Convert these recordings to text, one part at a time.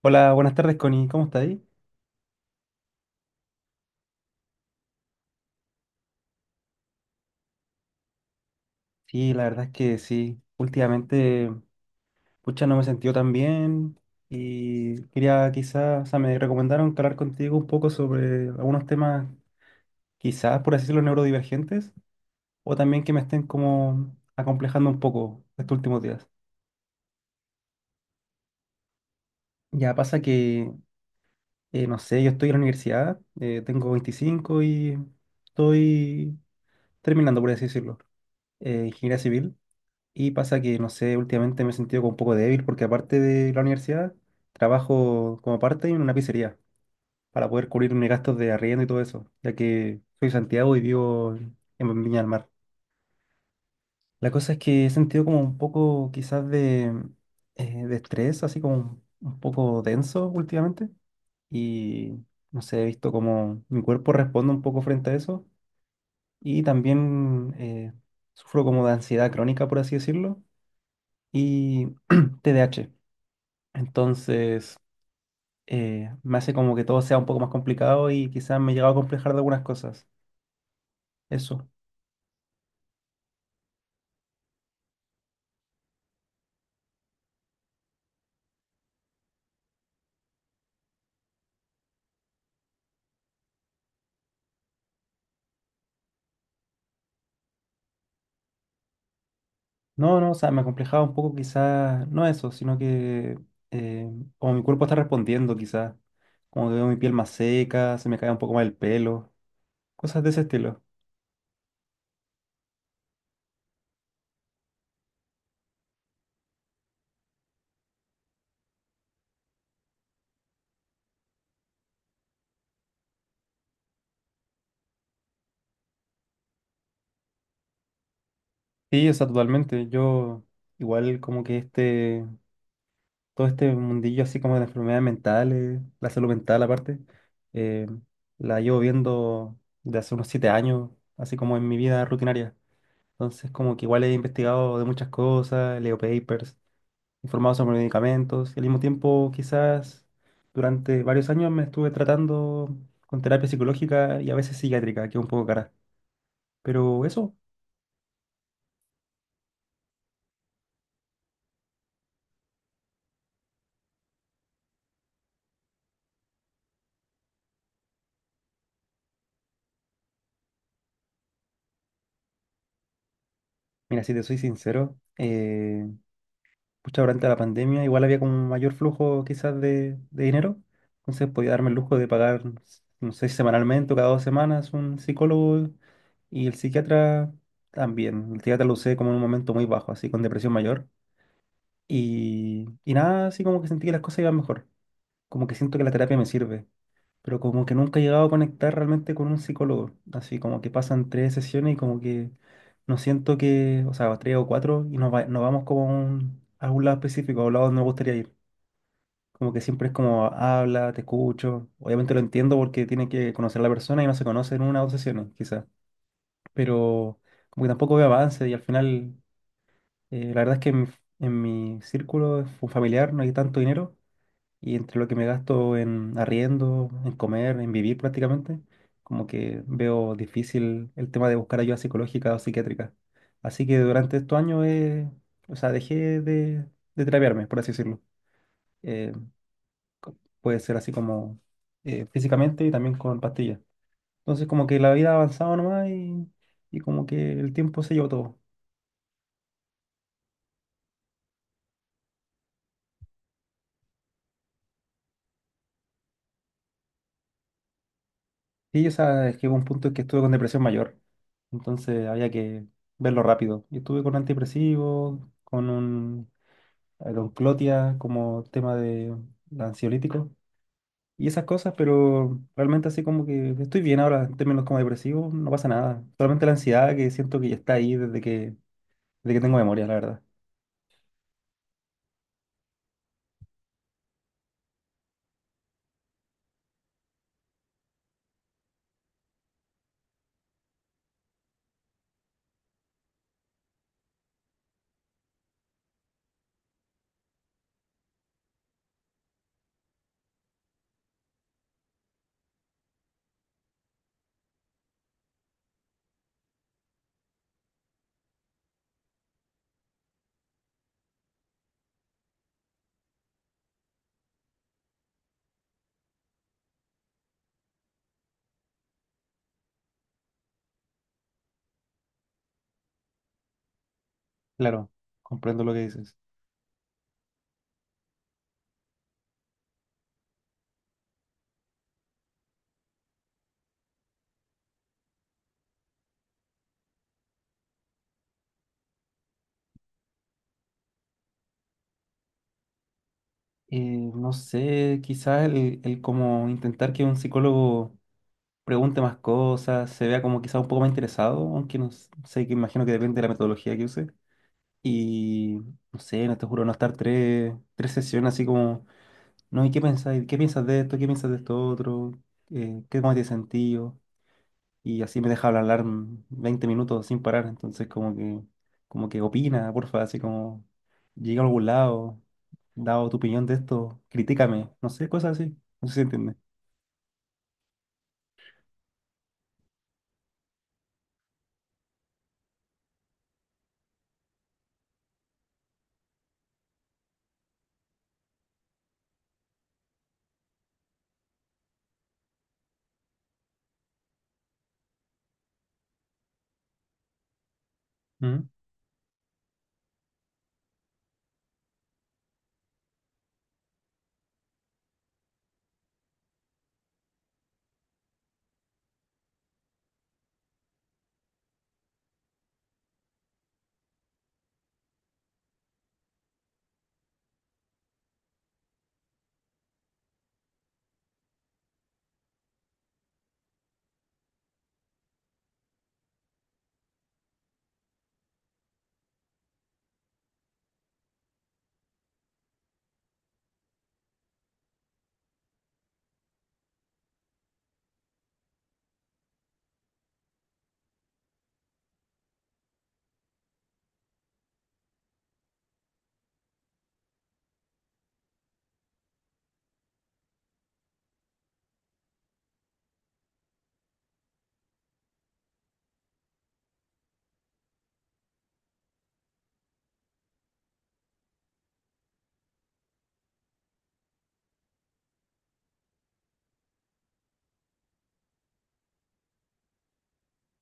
Hola, buenas tardes, Connie. ¿Cómo estás ahí? Sí, la verdad es que sí. Últimamente, pucha, no me he sentido tan bien y quería quizás, o sea, me recomendaron que hablar contigo un poco sobre algunos temas, quizás, por así decirlo, neurodivergentes o también que me estén como acomplejando un poco estos últimos días. Ya pasa que, no sé, yo estoy en la universidad, tengo 25 y estoy terminando, por así decirlo, ingeniería civil. Y pasa que, no sé, últimamente me he sentido como un poco débil porque aparte de la universidad, trabajo como parte en una pizzería para poder cubrir mis gastos de arriendo y todo eso, ya que soy de Santiago y vivo en Viña del Mar. La cosa es que he sentido como un poco quizás de estrés, así como un poco denso últimamente. Y no sé, he visto como mi cuerpo responde un poco frente a eso. Y también sufro como de ansiedad crónica, por así decirlo, y TDAH. Entonces, me hace como que todo sea un poco más complicado y quizás me he llegado a complejar de algunas cosas. Eso. No, no, o sea, me complejaba un poco quizás, no eso, sino que eh, como mi cuerpo está respondiendo quizás, como que veo mi piel más seca, se me cae un poco más el pelo, cosas de ese estilo. Sí, o sea, totalmente. Yo igual como que este... todo este mundillo así como de las enfermedades mentales, la salud mental aparte, eh, la llevo viendo de hace unos 7 años, así como en mi vida rutinaria. Entonces, como que igual he investigado de muchas cosas, leo papers, informado sobre medicamentos, y al mismo tiempo quizás durante varios años me estuve tratando con terapia psicológica y a veces psiquiátrica, que es un poco cara. Pero eso, mira, si te soy sincero, pucha, durante la pandemia igual había como un mayor flujo quizás de dinero, entonces podía darme el lujo de pagar, no sé, semanalmente o cada 2 semanas un psicólogo y el psiquiatra también. El psiquiatra lo usé como en un momento muy bajo, así con depresión mayor y nada, así como que sentí que las cosas iban mejor, como que siento que la terapia me sirve pero como que nunca he llegado a conectar realmente con un psicólogo. Así como que pasan tres sesiones y como que no siento que, o sea, tres o cuatro y nos, nos vamos como a algún lado específico, a un lado donde me gustaría ir. Como que siempre es como habla, te escucho. Obviamente lo entiendo porque tiene que conocer a la persona y no se conoce en una o dos sesiones, quizás. Pero como que tampoco veo avance y al final, la verdad es que en mi círculo familiar no hay tanto dinero. Y entre lo que me gasto en arriendo, en comer, en vivir prácticamente, como que veo difícil el tema de buscar ayuda psicológica o psiquiátrica. Así que durante estos años, o sea, dejé de terapiarme, por así decirlo. Eh, Puede ser así como físicamente y también con pastillas. Entonces como que la vida ha avanzado nomás y como que el tiempo se llevó todo. Sí, o sea, es que hubo un punto en que estuve con depresión mayor, entonces había que verlo rápido. Y estuve con antidepresivos, con un con Clotia como tema de ansiolítico y esas cosas, pero realmente así como que estoy bien ahora en términos como depresivos, no pasa nada. Solamente la ansiedad que siento que ya está ahí desde que tengo memoria, la verdad. Claro, comprendo lo que dices. No sé, quizás el como intentar que un psicólogo pregunte más cosas, se vea como quizá un poco más interesado, aunque no s- sé, que imagino que depende de la metodología que use. Y no sé, no te juro, no estar tres sesiones así como, no, ¿y qué pensáis? ¿Qué piensas de esto? ¿Qué piensas de esto otro? ¿Qué más tiene sentido? Y así me deja hablar 20 minutos sin parar, entonces como que opina, porfa, así como, llega a algún lado, dado tu opinión de esto, critícame, no sé, cosas así, no sé si entiende.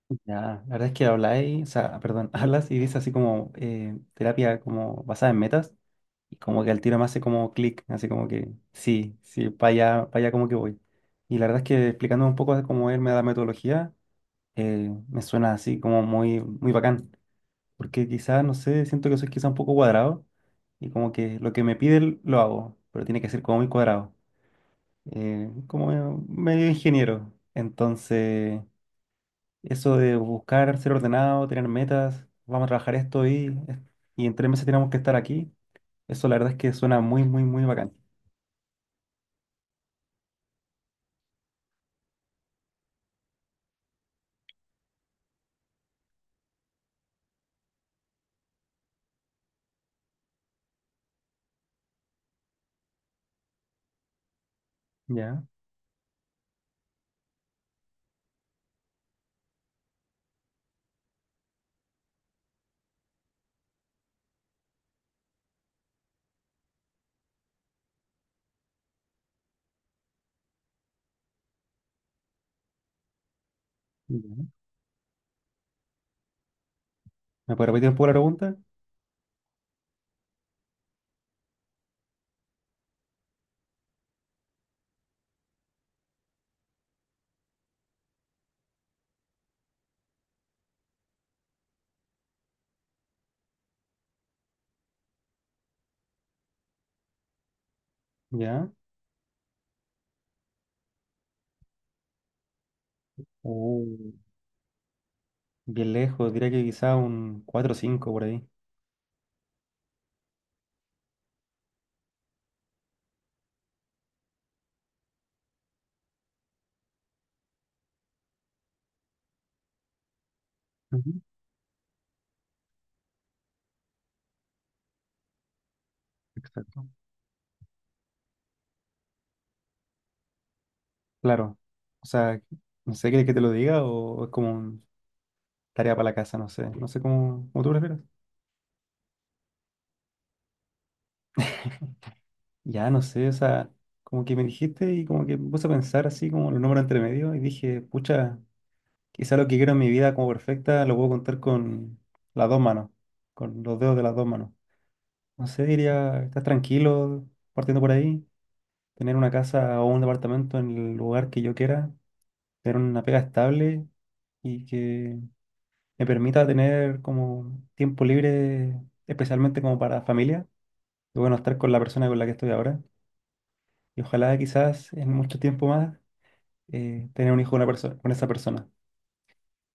Ya, la verdad es que habláis, o sea, perdón, hablas y dices así como terapia como basada en metas y como que al tiro me hace como clic, así como que sí, sí, para allá como que voy. Y la verdad es que explicándome un poco de cómo él me la metodología, me suena así como muy, muy bacán, porque quizás, no sé, siento que soy quizás un poco cuadrado y como que lo que me pide lo hago, pero tiene que ser como muy cuadrado, como medio ingeniero. Entonces... Eso de buscar ser ordenado, tener metas, vamos a trabajar esto y en 3 meses tenemos que estar aquí. Eso la verdad es que suena muy, muy, muy bacán. Ya, ya. ¿Me puede repetir un poco la pregunta? Ya. Oh, bien lejos, diría que quizá un 4 o 5 por ahí. Ujú. Exacto. Claro. O sea, no sé, ¿quieres que te lo diga o es como un tarea para la casa? No sé. No sé cómo, cómo tú prefieres. Ya, no sé, o sea, como que me dijiste y como que me puse a pensar así como los números entre medio y dije, pucha. Quizá lo que quiero en mi vida como perfecta lo puedo contar con las dos manos, con los dedos de las dos manos. No sé, diría, estás tranquilo partiendo por ahí, tener una casa o un departamento en el lugar que yo quiera, tener una pega estable y que me permita tener como tiempo libre, especialmente como para familia. Y bueno, estar con la persona con la que estoy ahora. Y ojalá quizás en mucho tiempo más tener un hijo con, una persona, con esa persona.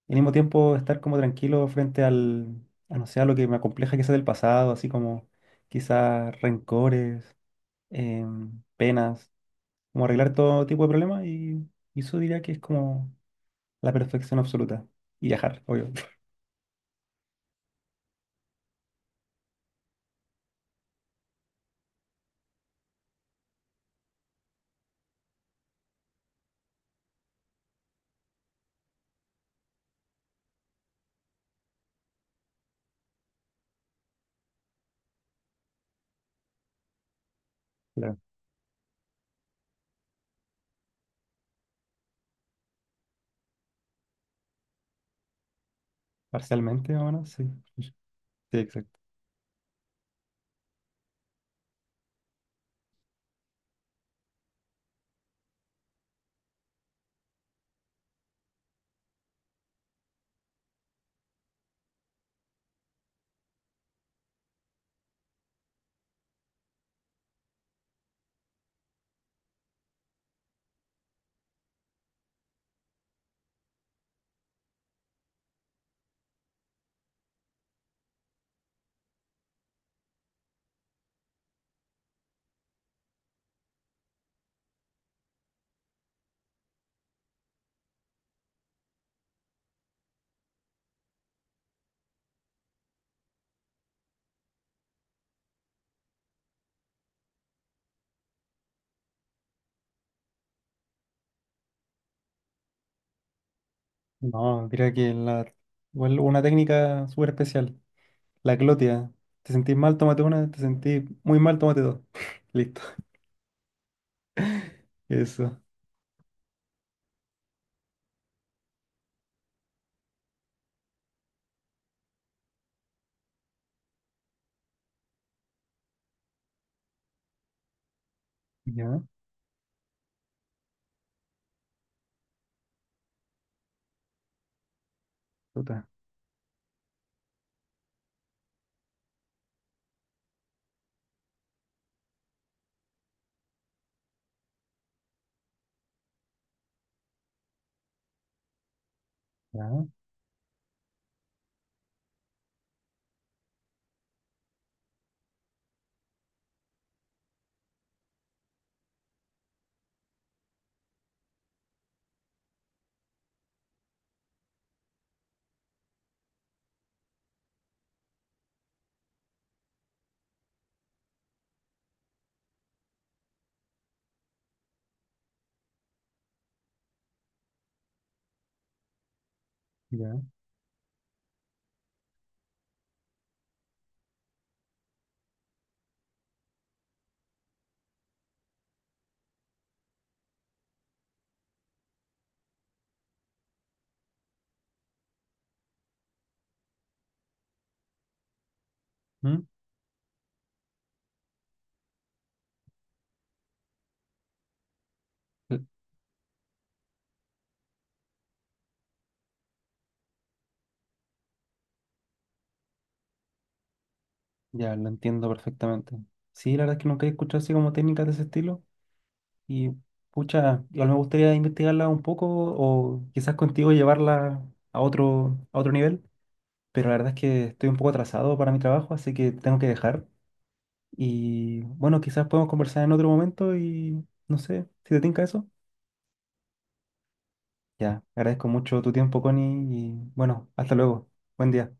Y al mismo tiempo estar como tranquilo frente al, a no sé, a lo que me acompleja quizás del pasado, así como quizás rencores, penas, como arreglar todo tipo de problemas y eso diría que es como la perfección absoluta. Y viajar, obvio. Claro. Parcialmente, más o menos, sí. Sí, exacto. No, diría que la, igual una técnica súper especial, la glotia. Te sentís mal, tómate una, te sentís muy mal, tómate dos. Listo. Eso. Ya, puta. Ya, ya. ¿Mm? Eh, Ya, lo entiendo perfectamente. Sí, la verdad es que nunca he escuchado así como técnicas de ese estilo. Y pucha, igual me gustaría investigarla un poco o quizás contigo llevarla a otro nivel. Pero la verdad es que estoy un poco atrasado para mi trabajo, así que tengo que dejar. Y bueno, quizás podemos conversar en otro momento y no sé si te tinca eso. Ya, agradezco mucho tu tiempo, Connie, y bueno, hasta luego. Buen día.